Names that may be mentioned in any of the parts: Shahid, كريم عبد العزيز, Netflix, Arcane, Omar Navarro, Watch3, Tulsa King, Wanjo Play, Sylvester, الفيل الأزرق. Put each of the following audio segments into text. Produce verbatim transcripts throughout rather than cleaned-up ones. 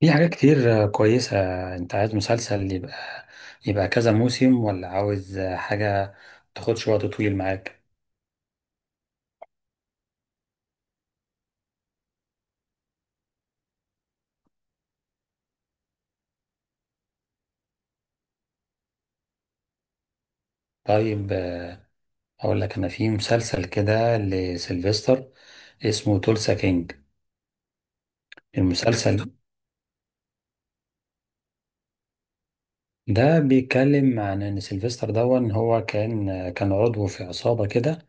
في حاجات كتير كويسة. انت عايز مسلسل يبقى؟ يبقى كذا موسم، ولا عاوز حاجة تاخدش وقت طويل معاك؟ طيب، اقول لك انا في مسلسل كده لسيلفستر، اسمه تولسا كينج. المسلسل ده بيتكلم عن ان سيلفستر ده ان هو كان كان عضو في عصابة كده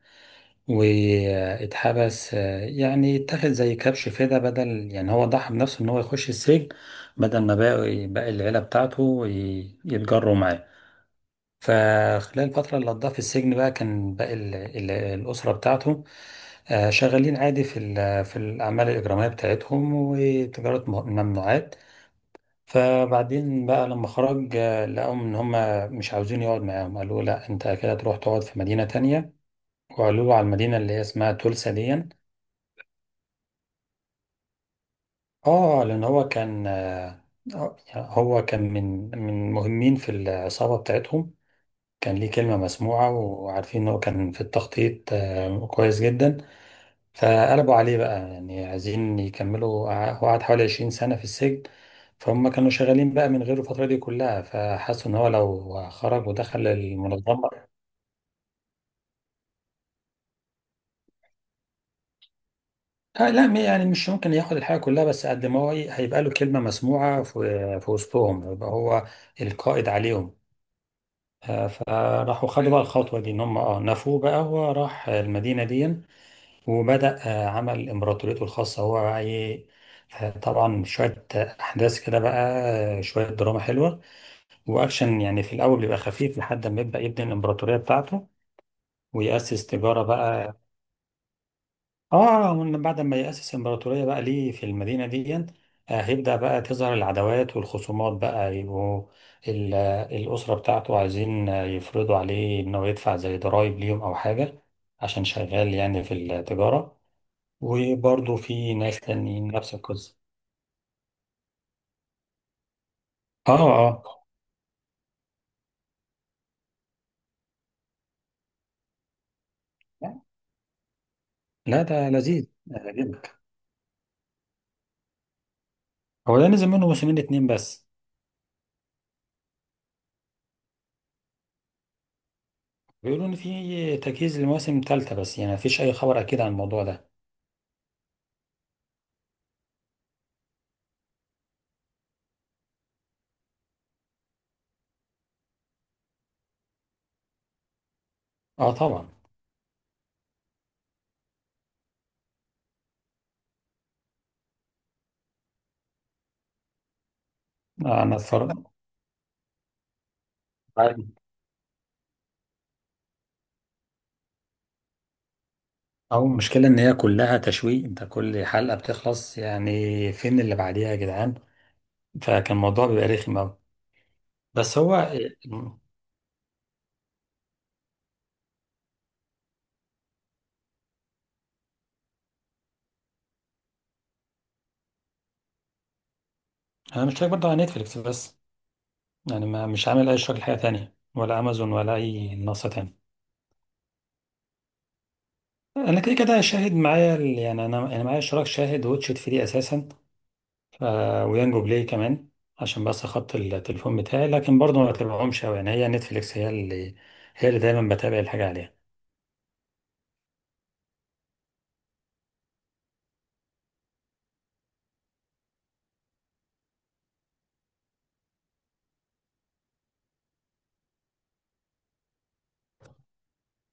واتحبس. يعني اتاخد زي كبش فدا بدل، يعني هو ضحى بنفسه ان هو يخش السجن بدل ما باقي باقي العيلة بتاعته ي- يتجروا معاه. فخلال الفترة اللي قضاها في السجن بقى، كان باقي ال- ال- الأسرة بتاعته آه، شغالين عادي في ال- في الأعمال الإجرامية بتاعتهم وتجارة م- ممنوعات. فبعدين بقى لما خرج آه، لقاهم إن هما مش عاوزين يقعد معاهم، قالوا له لا، أنت كده تروح تقعد في مدينة تانية، وقالوا له على المدينة اللي هي اسمها تولسا دي. اه، لأن هو كان، آه، آه، يعني هو كان من من مهمين في العصابة بتاعتهم. كان ليه كلمة مسموعة، وعارفين إن هو كان في التخطيط آه، كويس جدا. فقلبوا عليه بقى، يعني عايزين يكملوا، قع- هو قعد حوالي 20 سنة في السجن. فهم كانوا شغالين بقى من غيره الفترة دي كلها، فحسوا إن هو لو خرج ودخل المنظمة، آه لا، م- يعني مش ممكن ياخد الحاجة كلها، بس قد ما هو ي- هيبقى له كلمة مسموعة في, في وسطهم، يبقى هو القائد عليهم. آه، فراحوا خدوا بقى الخطوة دي، إن هم اه نفوه بقى، هو راح المدينة دي وبدأ. آه، عمل إمبراطوريته الخاصة هو بقى إيه. آه، طبعا شوية آه، أحداث كده بقى، آه، شوية دراما حلوة وأكشن. يعني في الأول بيبقى خفيف لحد ما يبدأ يبني الإمبراطورية بتاعته ويأسس تجارة بقى. آه، ومن بعد ما يأسس إمبراطورية بقى ليه في المدينة دي، آه، هيبدأ بقى تظهر العداوات والخصومات. بقى يبقوا ال- آه، الأسرة بتاعته عايزين آه، يفرضوا عليه إنه يدفع زي ضرايب ليهم أو حاجة، عشان شغال يعني في التجارة. وبرضه في ناس تانيين نفس القصة. اه، اه. لا، ده لذيذ آه، جدا. هو ده نزل منه موسمين اتنين بس. بيقولوا ان في تجهيز لمواسم تالتة، بس يعني مفيش اي خبر اكيد عن الموضوع ده. اه طبعا. آه، انا اتفرجت. عادي. او المشكلة ان هي كلها تشويق، انت كل حلقة بتخلص يعني فين اللي بعديها يا جدعان. فكان الموضوع بيبقى رخم اوي. بس هو آه، انا مش شايف برضه على نتفليكس بس، يعني ما مش عامل اي شغل حاجة تانية، ولا امازون ولا اي منصة تانية. انا كده كده شاهد معايا، ال- يعني انا انا معايا اشتراك شاهد واتش ثري اساسا، ف... ويانجو بلاي كمان، عشان بس خط التليفون بتاعي. لكن برضه ما بتابعهمش قوي، يعني هي نتفليكس هي اللي هي اللي دايما بتابع الحاجه عليها.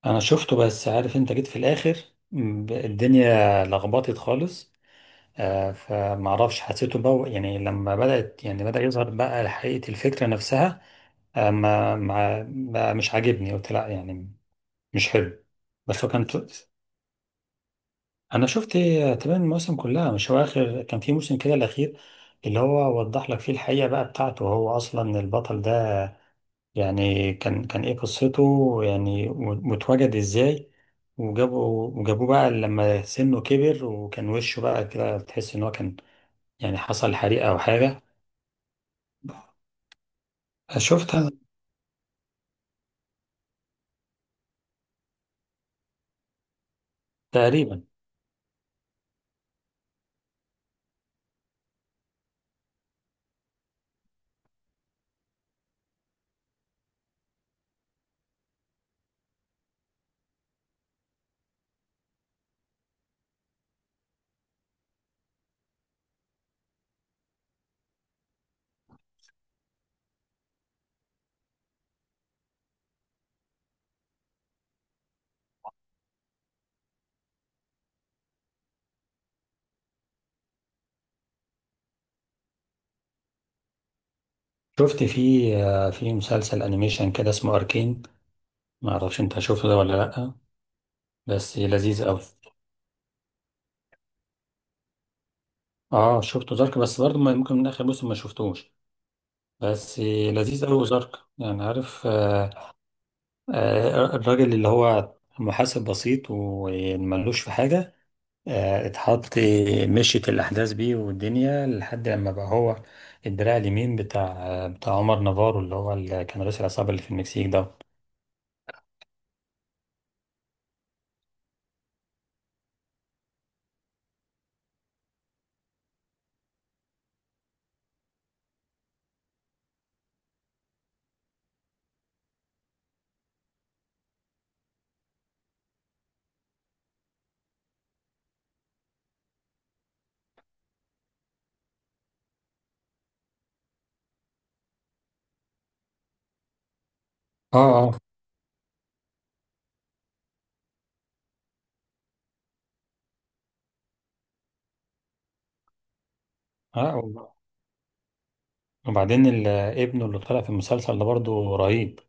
انا شفته، بس عارف انت جيت في الاخر، م- ب- الدنيا لخبطت خالص. آه، فمعرفش حسيته بقى، يعني لما بدأت، يعني بدأ يظهر بقى حقيقة الفكرة نفسها، آه، ما ما- بقى مش عاجبني، قلت لا يعني، مش حلو. بس هو كان، انا شفت تمام المواسم كلها. مش هو اخر كان في موسم كده الاخير، اللي هو وضح لك فيه الحقيقه بقى بتاعته، هو اصلا البطل ده، يعني كان كان ايه قصته، يعني واتوجد ازاي، وجابوا وجابوه بقى لما سنه كبر، وكان وشه بقى كده تحس ان هو كان يعني حصل حريقه او حاجه. شفتها تقريبا. شفت في آه، في مسلسل انيميشن كده اسمه اركين، ما اعرفش انت شفته ده ولا لا، بس لذيذ قوي. اه شفته زرك، بس برضه ما- ممكن من اخر موسم ما شفتوش، بس لذيذ قوي زرك. يعني عارف. آه آه الراجل اللي هو محاسب بسيط وملوش في حاجة، آه اتحط، مشيت الأحداث بيه والدنيا لحد لما بقى هو الدراع اليمين بتاع بتاع عمر نافارو، اللي هو اللي كان رئيس العصابة اللي في المكسيك ده. اه، اه، اه والله. وبعدين ال- ابنه اللي طلع في المسلسل ده برضه رهيب.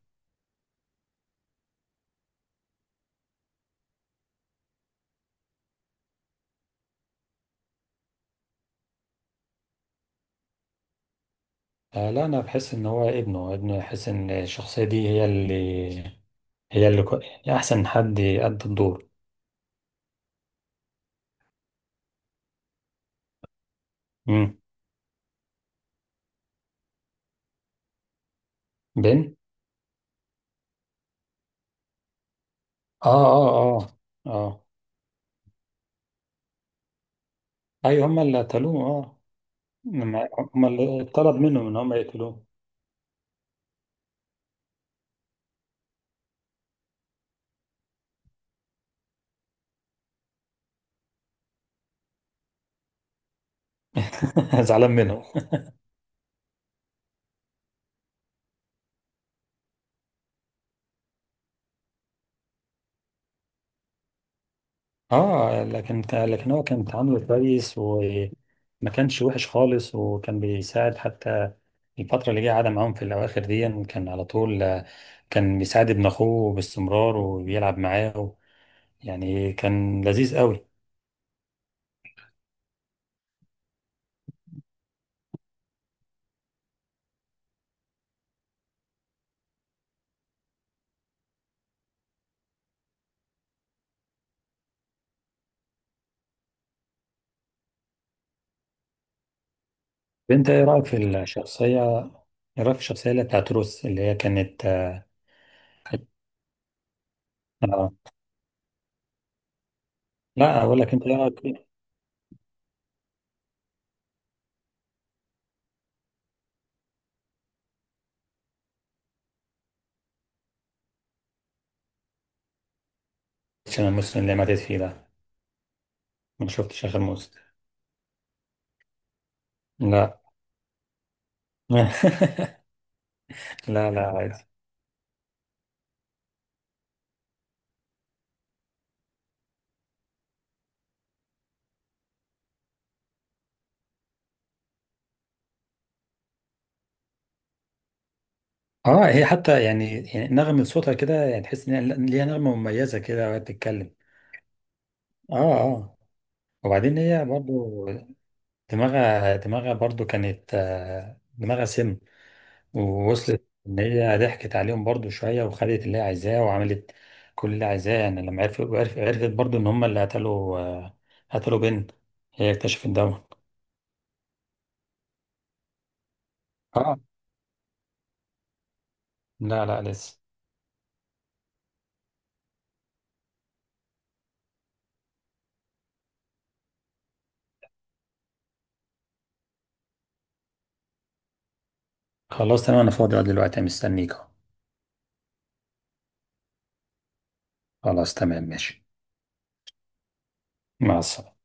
آه لا، انا بحس ان هو ابنه ابنه يحس ان الشخصيه دي هي اللي هي اللي كو... يعني احسن حد يأدي الدور. امم. بين، اه، اه، اه، اه، ايوه هم اللي قتلوه. اه، لما- هم اللي طلب منهم ان هم يقتلوه. زعلان منهم. اه، لكن لكن هو كان تعامله كويس، وما كانش وحش خالص، وكان بيساعد حتى. الفترة اللي جه قعد معاهم في الأواخر دي كان على طول آه، كان بيساعد ابن أخوه باستمرار وبيلعب معاه. يعني كان لذيذ قوي. انت ايه رايك في الشخصيه، ايه رايك في الشخصيه اللي بتاعت روس، اللي هي كانت، كانت- آه. لا، اقول لك، انت ايه رايك في، عشان المسلم اللي ماتت فيه ده، ما شفتش اخر مسلم؟ لا. لا لا، عادي. اه، هي حتى يعني يعني نغمة صوتها كده، يعني تحس ان هي ليها نغمة مميزة كده وهي بتتكلم. اه، اه. وبعدين هي برضو دماغها دماغها برضو كانت، آه، دماغها سم. ووصلت ان هي ضحكت عليهم برضو شويه، وخدت اللي هي عايزاه وعملت كل اللي عايزاه. يعني لما عرفت عرفت عرفت برضو ان هم اللي قتلوا، آه، قتلوا بنت، هي اكتشفت ده. اه لا، لا لسه. خلاص تمام، انا فاضي دلوقتي، مستنيك. خلاص تمام ماشي. مع السلامه.